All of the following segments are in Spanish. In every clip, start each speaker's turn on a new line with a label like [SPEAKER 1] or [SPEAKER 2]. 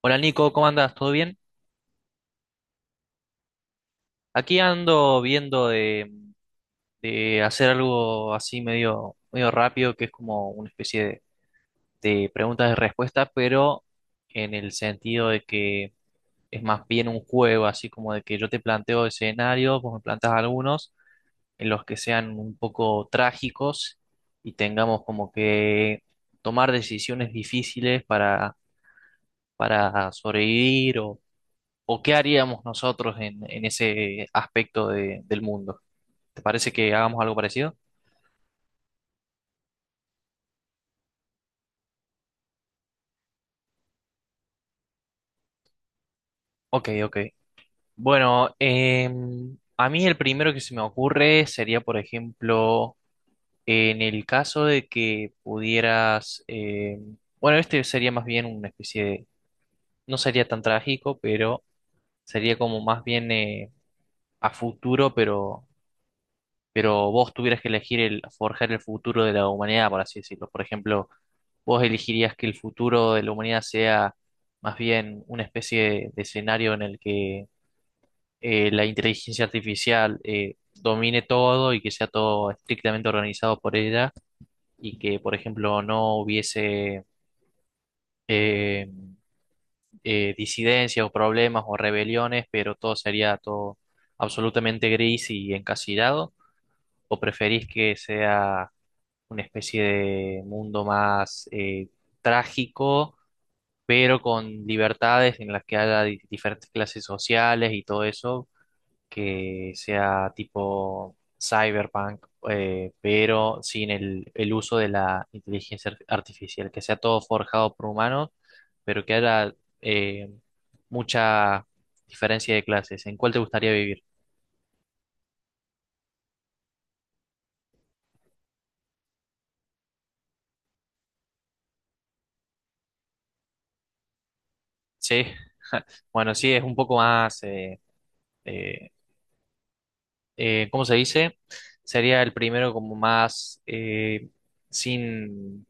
[SPEAKER 1] Hola Nico, ¿cómo andas? ¿Todo bien? Aquí ando viendo de hacer algo así medio rápido, que es como una especie de preguntas y respuestas, pero en el sentido de que es más bien un juego, así como de que yo te planteo escenarios, vos me planteas algunos en los que sean un poco trágicos y tengamos como que tomar decisiones difíciles para sobrevivir o qué haríamos nosotros en ese aspecto del mundo. ¿Te parece que hagamos algo parecido? Ok, ok. Bueno, a mí el primero que se me ocurre sería, por ejemplo, en el caso de que pudieras, bueno, este sería más bien una especie de, no sería tan trágico, pero sería como más bien a futuro, pero vos tuvieras que elegir el, forjar el futuro de la humanidad, por así decirlo. Por ejemplo, ¿vos elegirías que el futuro de la humanidad sea más bien una especie de escenario en el que la inteligencia artificial domine todo y que sea todo estrictamente organizado por ella y que, por ejemplo, no hubiese eh, disidencias o problemas o rebeliones, pero todo sería todo absolutamente gris y encasillado? ¿O preferís que sea una especie de mundo más trágico, pero con libertades en las que haya diferentes clases sociales y todo eso, que sea tipo cyberpunk, pero sin el, el uso de la inteligencia artificial, que sea todo forjado por humanos, pero que haya eh, mucha diferencia de clases? ¿En cuál te gustaría vivir? Sí, bueno, sí, es un poco más, eh, ¿cómo se dice? Sería el primero como más sin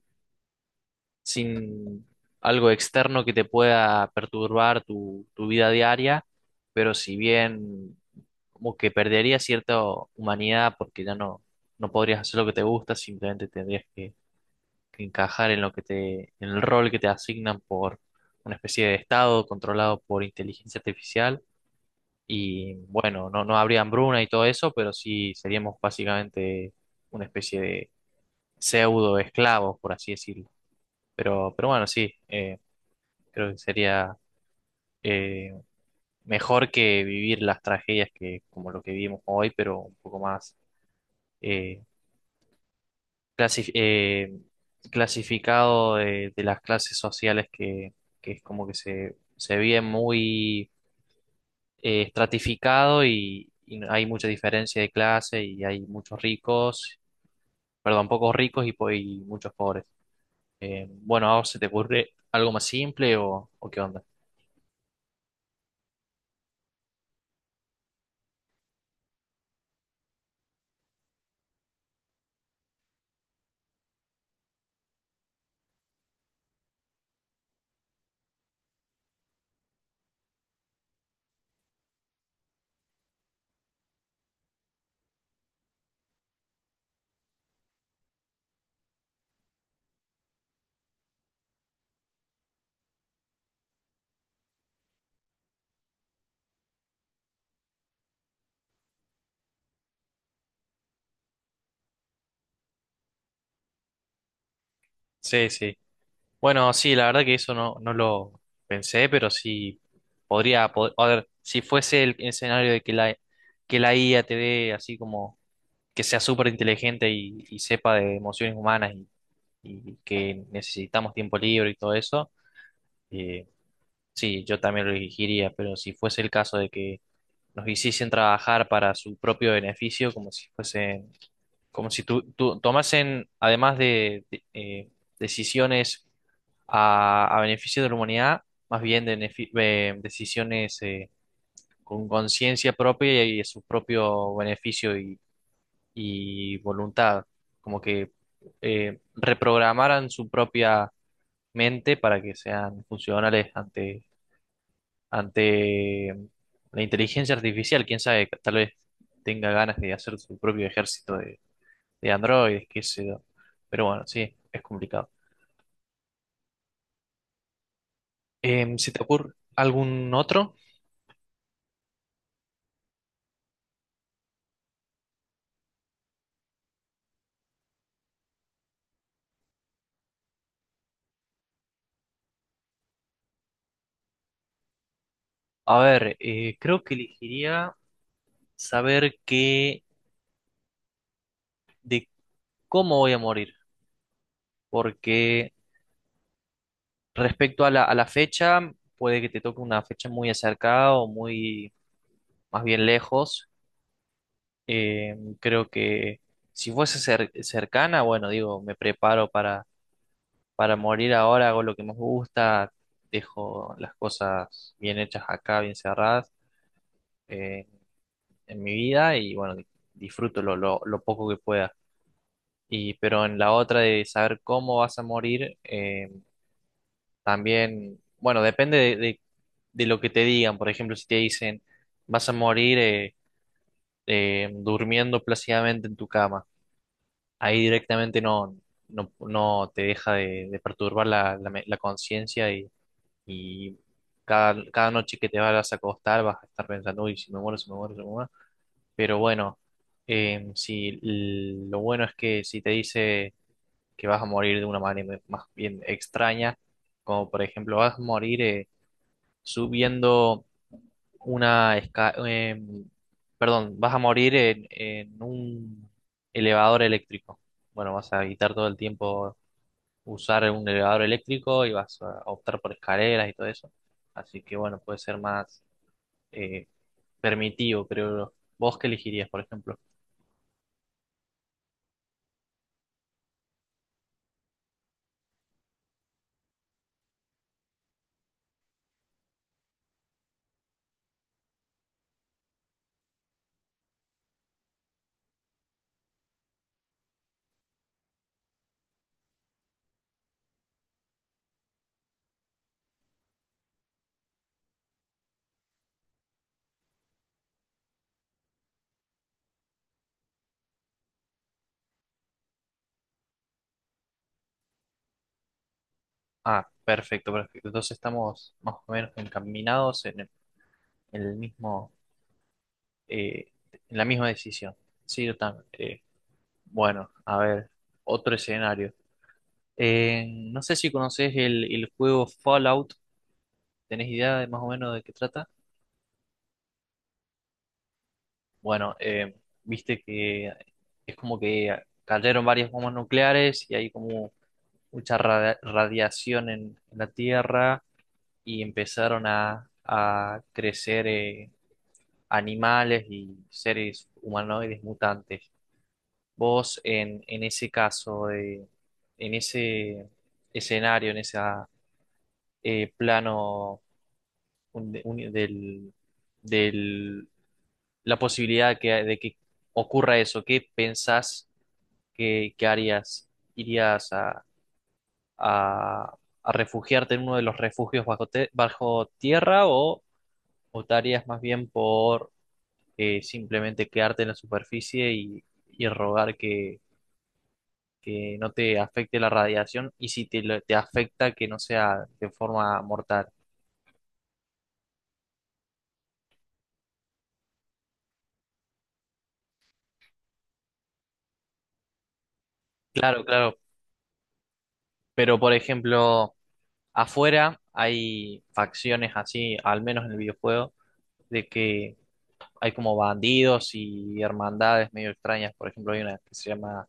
[SPEAKER 1] sin algo externo que te pueda perturbar tu vida diaria, pero si bien como que perdería cierta humanidad porque ya no podrías hacer lo que te gusta, simplemente tendrías que encajar en lo que te, en el rol que te asignan por una especie de estado controlado por inteligencia artificial. Y bueno, no habría hambruna y todo eso, pero sí seríamos básicamente. Creo que sería eh, mejor que vivir las tragedias que como lo que vivimos hoy, pero un poco más eh, clasi- eh, clasificado de las clases sociales que es como que se vive muy estratificado y no, hay mucha diferencia de clase y hay muchos ricos, perdón, pocos ricos y muchos pobres. Bueno, ¿a vos se te ocurre algo más simple o qué onda? Sí, sí. Bueno, sí, la verdad que eso no lo pensé, pero sí a ver, si fuese el escenario de que que la IA te dé así como que sea súper inteligente y sepa de emociones humanas y que necesitamos tiempo libre y todo eso, eh, sí, yo también lo elegiría, pero si fuese el caso de que nos hiciesen trabajar para su propio beneficio, como si fuesen como si tú tomasen, además decisiones a beneficio de la humanidad, más bien de decisiones con conciencia propia y a su propio beneficio y voluntad, como que reprogramaran su propia mente para que sean funcionales ante la inteligencia artificial, quién sabe, tal vez tenga ganas de hacer su propio ejército de Android, qué sé yo. Pero bueno, sí, es complicado. ¿Se te ocurre algún otro? A ver, creo que elegiría saber qué, de cómo voy a morir, porque respecto a a la fecha, puede que te toque una fecha muy acercada o muy, más bien lejos. Creo que si fuese cercana, bueno, digo, me preparo para morir ahora, hago lo que más me gusta, dejo las cosas bien hechas acá, bien cerradas eh, en mi vida y bueno, disfruto lo poco que pueda. Y, pero en la otra de saber cómo vas a morir, también, bueno, depende de lo que te digan. Por ejemplo, si te dicen vas a morir durmiendo plácidamente en tu cama, ahí directamente no te deja de perturbar la conciencia y cada noche que te vas a acostar vas a estar pensando, uy, si me muero, si me muero, si me muero. Pero bueno, si l- lo bueno es que si te dice que vas a morir de una manera más bien extraña, como por ejemplo vas a morir subiendo una perdón, vas a morir en un elevador eléctrico. Bueno, vas a evitar todo el tiempo usar un elevador eléctrico y vas a optar por escaleras y todo eso. Así que bueno, puede ser más eh, permitivo, creo yo. ¿Vos qué elegirías, por ejemplo? Ah, perfecto, perfecto. Entonces estamos más o menos encaminados en el mismo, eh, en la misma decisión. Sí, yo también. Bueno, a ver, otro escenario. Eh, no sé si conoces el juego Fallout. ¿Tenés idea de más o menos de qué trata? Bueno, viste que es como que cayeron varias bombas nucleares y hay como mucha radiación en la Tierra y empezaron a crecer animales y seres humanoides mutantes. Vos en ese caso, de, en ese escenario, en ese plano del, del- la posibilidad que, de que ocurra eso, ¿qué pensás que harías? ¿Irías a- a refugiarte en uno de los refugios bajo tierra o optarías más bien por que simplemente quedarte en la superficie y rogar que no te afecte la radiación y si te, te afecta que no sea de forma mortal? Claro, claro, pero por ejemplo, afuera hay facciones así, al menos en el videojuego, de que hay como bandidos y hermandades medio extrañas. Por ejemplo, hay una que se llama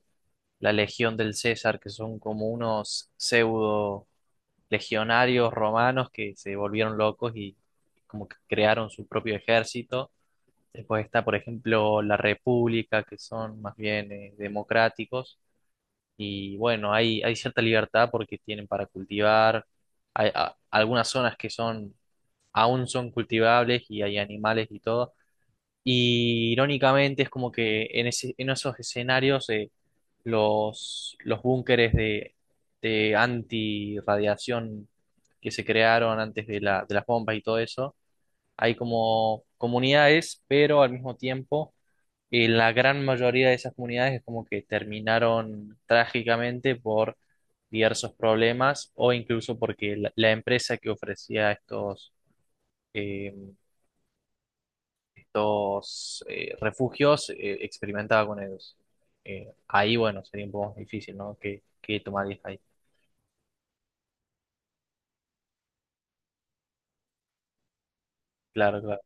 [SPEAKER 1] la Legión del César, que son como unos pseudo legionarios romanos que se volvieron locos y como que crearon su propio ejército. Después está, por ejemplo, la República, que son más bien democráticos. Y bueno, hay cierta libertad porque tienen para cultivar. Hay algunas zonas que son, aún son cultivables y hay animales y todo. Y irónicamente es como que en en esos escenarios los búnkeres de antirradiación que se crearon antes de de las bombas y todo eso, hay como comunidades, pero al mismo tiempo la gran mayoría de esas comunidades es como que terminaron trágicamente por diversos problemas o incluso porque la empresa que ofrecía eh, estos refugios experimentaba con ellos. Ahí, bueno, sería un poco más difícil, ¿no? ¿Qué, qué tomarías ahí? Claro, claro.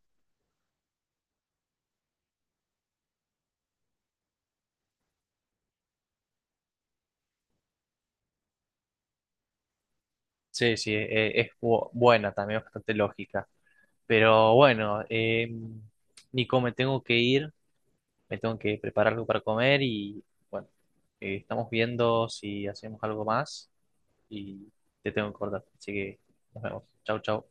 [SPEAKER 1] Sí, sí, buena también, bastante lógica. Pero bueno, Nico, me tengo que ir, me tengo que preparar algo para comer y bueno, estamos viendo si hacemos algo más y te tengo que cortar. Así que nos vemos. Chau, chau.